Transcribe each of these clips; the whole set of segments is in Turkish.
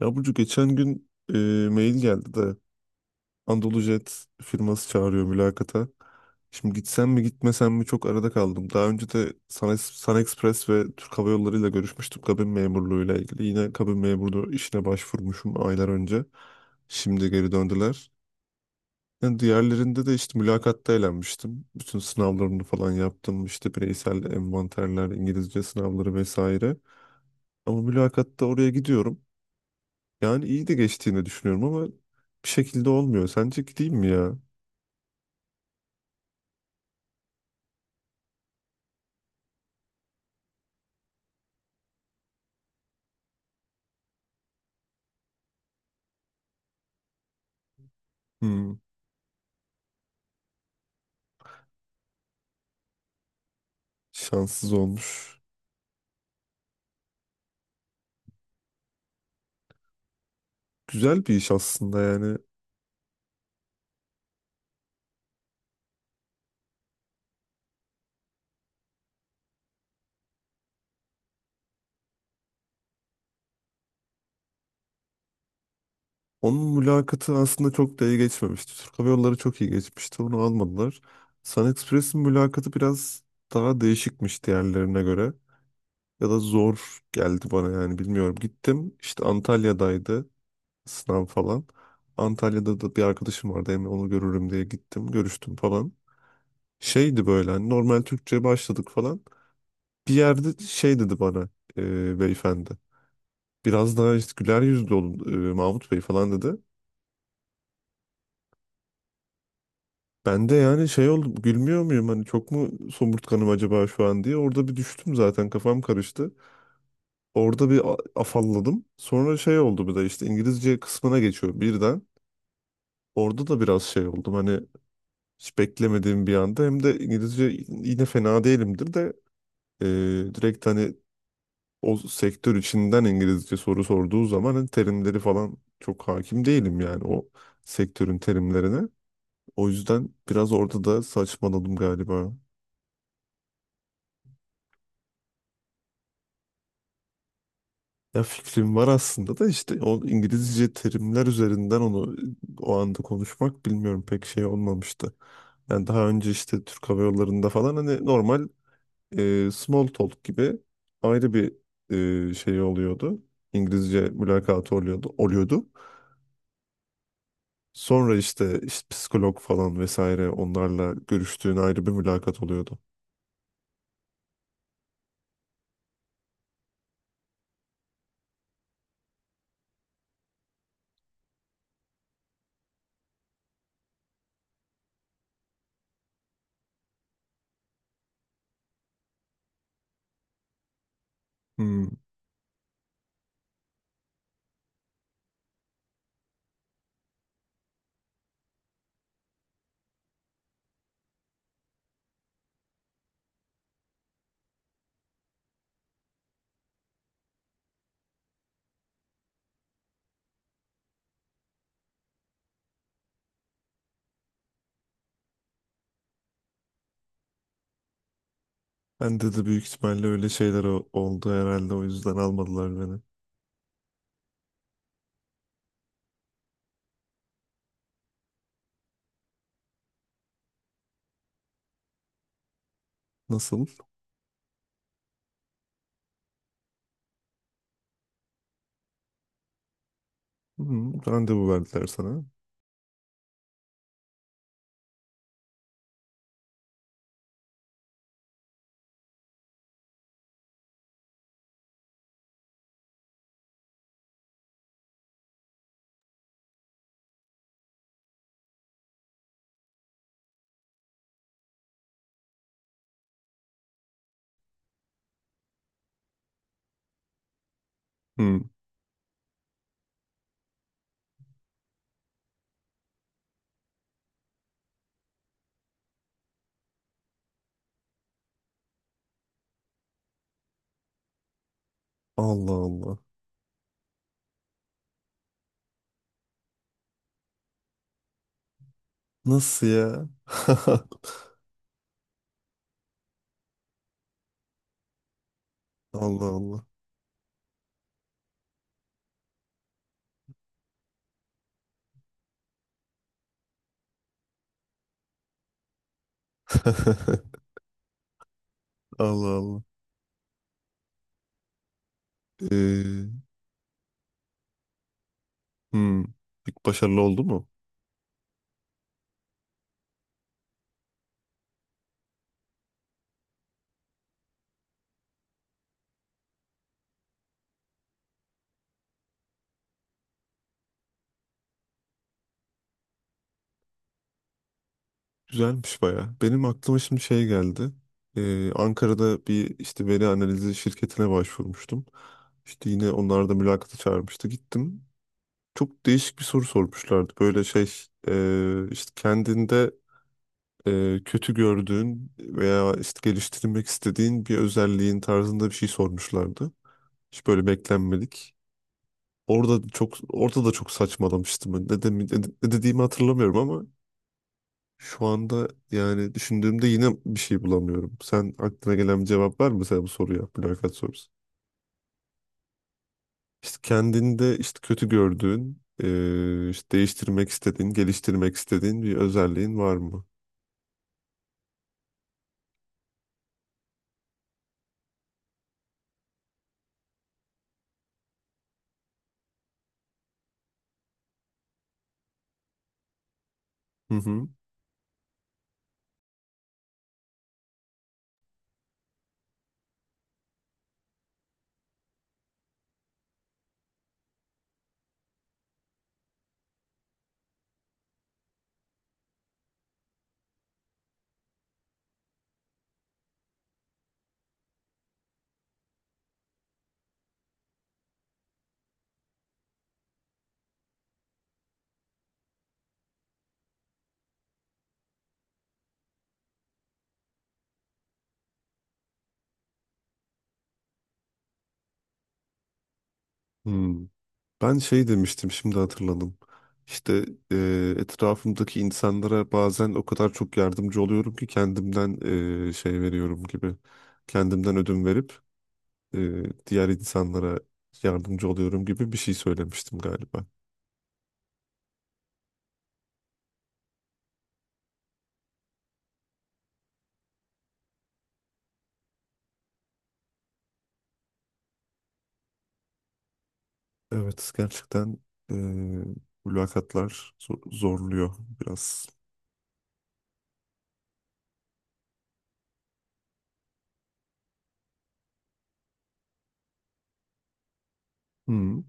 Ya Burcu geçen gün mail geldi de Anadolu firması çağırıyor mülakata. Şimdi gitsem mi gitmesem mi çok arada kaldım. Daha önce de Sun Express ve Türk Hava Yolları ile görüşmüştüm kabin memurluğuyla ilgili. Yine kabin memurluğu işine başvurmuşum aylar önce. Şimdi geri döndüler. Yani diğerlerinde de işte mülakatta eğlenmiştim. Bütün sınavlarını falan yaptım. İşte bireysel envanterler, İngilizce sınavları vesaire. Ama mülakatta oraya gidiyorum. Yani iyi de geçtiğini düşünüyorum ama bir şekilde olmuyor. Sence gideyim mi ya? Hmm, şanssız olmuş. Güzel bir iş aslında yani. Onun mülakatı aslında çok da iyi geçmemişti. Türk Hava Yolları çok iyi geçmişti. Onu almadılar. SunExpress'in mülakatı biraz daha değişikmiş diğerlerine göre. Ya da zor geldi bana yani bilmiyorum. Gittim işte Antalya'daydı sınav falan. Antalya'da da bir arkadaşım vardı. Hem onu görürüm diye gittim. Görüştüm falan şeydi böyle hani normal Türkçe başladık falan. Bir yerde şey dedi bana, beyefendi. Biraz daha işte güler yüzlü olun Mahmut Bey falan dedi. Ben de yani şey oldum, gülmüyor muyum hani, çok mu somurtkanım acaba şu an diye. Orada bir düştüm zaten, kafam karıştı. Orada bir afalladım. Sonra şey oldu, bir de işte İngilizce kısmına geçiyor birden. Orada da biraz şey oldum hani, hiç beklemediğim bir anda hem de. İngilizce yine fena değilimdir de e, direkt hani o sektör içinden İngilizce soru sorduğu zaman hani terimleri falan çok hakim değilim yani o sektörün terimlerine. O yüzden biraz orada da saçmaladım galiba. Ya fikrim var aslında da, işte o İngilizce terimler üzerinden onu o anda konuşmak bilmiyorum pek şey olmamıştı. Yani daha önce işte Türk Hava Yolları'nda falan hani normal small talk gibi ayrı bir şey oluyordu. İngilizce mülakatı oluyordu, oluyordu. Sonra işte psikolog falan vesaire, onlarla görüştüğün ayrı bir mülakat oluyordu. Hmm. Ben de büyük ihtimalle öyle şeyler oldu herhalde, o yüzden almadılar beni. Nasıl? Hmm. Randevu verdiler sana. Hmm. Allah Allah. Nasıl ya? Allah Allah. Allah Allah. Ee, hmm. Peki başarılı oldu mu? Güzelmiş baya. Benim aklıma şimdi şey geldi. Ankara'da bir işte veri analizi şirketine başvurmuştum. İşte yine onlar da mülakata çağırmıştı. Gittim. Çok değişik bir soru sormuşlardı. Böyle şey, işte kendinde kötü gördüğün veya işte geliştirmek istediğin bir özelliğin tarzında bir şey sormuşlardı. Hiç böyle beklenmedik. Orada da çok saçmalamıştım. Ne dediğimi hatırlamıyorum ama şu anda yani düşündüğümde yine bir şey bulamıyorum. Sen, aklına gelen bir cevap var mı mesela bu soruya? Mülakat sorusu. İşte kendinde işte kötü gördüğün, işte değiştirmek istediğin, geliştirmek istediğin bir özelliğin var mı? Hı hı. Hmm. Ben şey demiştim, şimdi hatırladım. İşte etrafımdaki insanlara bazen o kadar çok yardımcı oluyorum ki, kendimden şey veriyorum gibi. Kendimden ödün verip diğer insanlara yardımcı oluyorum gibi bir şey söylemiştim galiba. Evet, gerçekten e, mülakatlar zorluyor biraz. Hmm.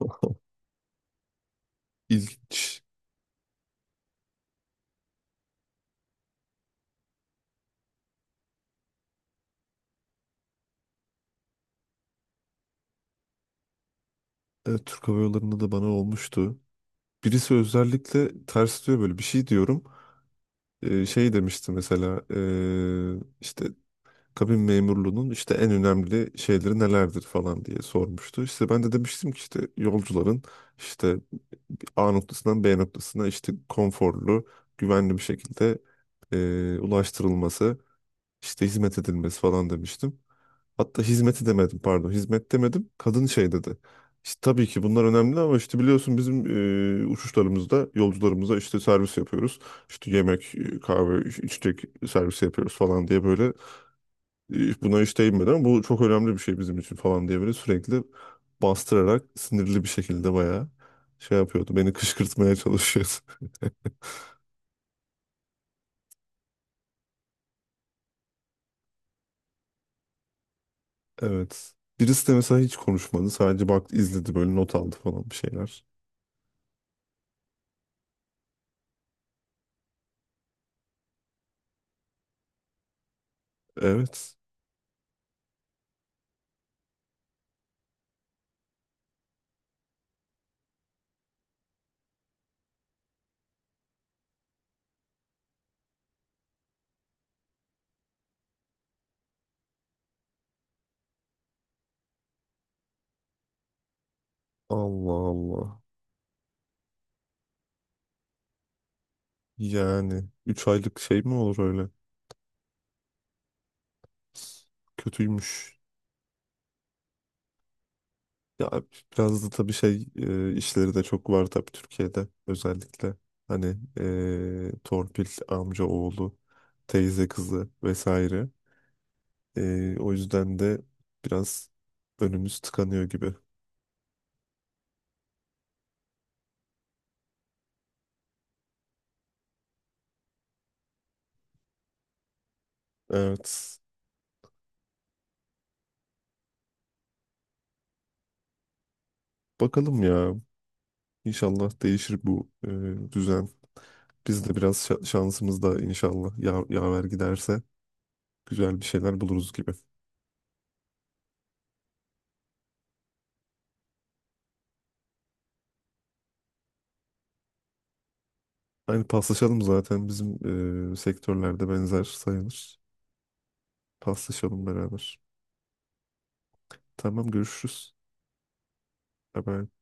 İlginç. Evet, Türk Hava Yolları'nda da bana olmuştu. Birisi özellikle ters diyor, böyle bir şey diyorum. Şey demişti mesela, işte kabin memurluğunun işte en önemli şeyleri nelerdir falan diye sormuştu. İşte ben de demiştim ki işte yolcuların işte A noktasından B noktasına işte konforlu, güvenli bir şekilde ulaştırılması, işte hizmet edilmesi falan demiştim. Hatta hizmeti demedim, pardon, hizmet demedim, kadın şey dedi. İşte tabii ki bunlar önemli ama işte biliyorsun bizim uçuşlarımızda yolcularımıza işte servis yapıyoruz. İşte yemek, kahve, içecek servisi yapıyoruz falan diye böyle, buna hiç değinmeden, bu çok önemli bir şey bizim için falan diye böyle sürekli bastırarak, sinirli bir şekilde, bayağı şey yapıyordu. Beni kışkırtmaya çalışıyordu. Evet. Birisi de mesela hiç konuşmadı. Sadece baktı, izledi, böyle not aldı falan bir şeyler. Evet. Allah Allah. Yani 3 aylık şey mi olur öyle? Kötüymüş. Ya biraz da tabii şey, işleri de çok var tabii, Türkiye'de özellikle. Hani torpil, amca oğlu, teyze kızı vesaire. O yüzden de biraz önümüz tıkanıyor gibi. Evet. Bakalım ya. İnşallah değişir bu düzen. Biz de biraz şansımız da inşallah ya yaver giderse güzel bir şeyler buluruz gibi. Aynı paslaşalım zaten, bizim sektörlerde benzer sayılır. Paslaşalım beraber. Tamam, görüşürüz. Bye bye.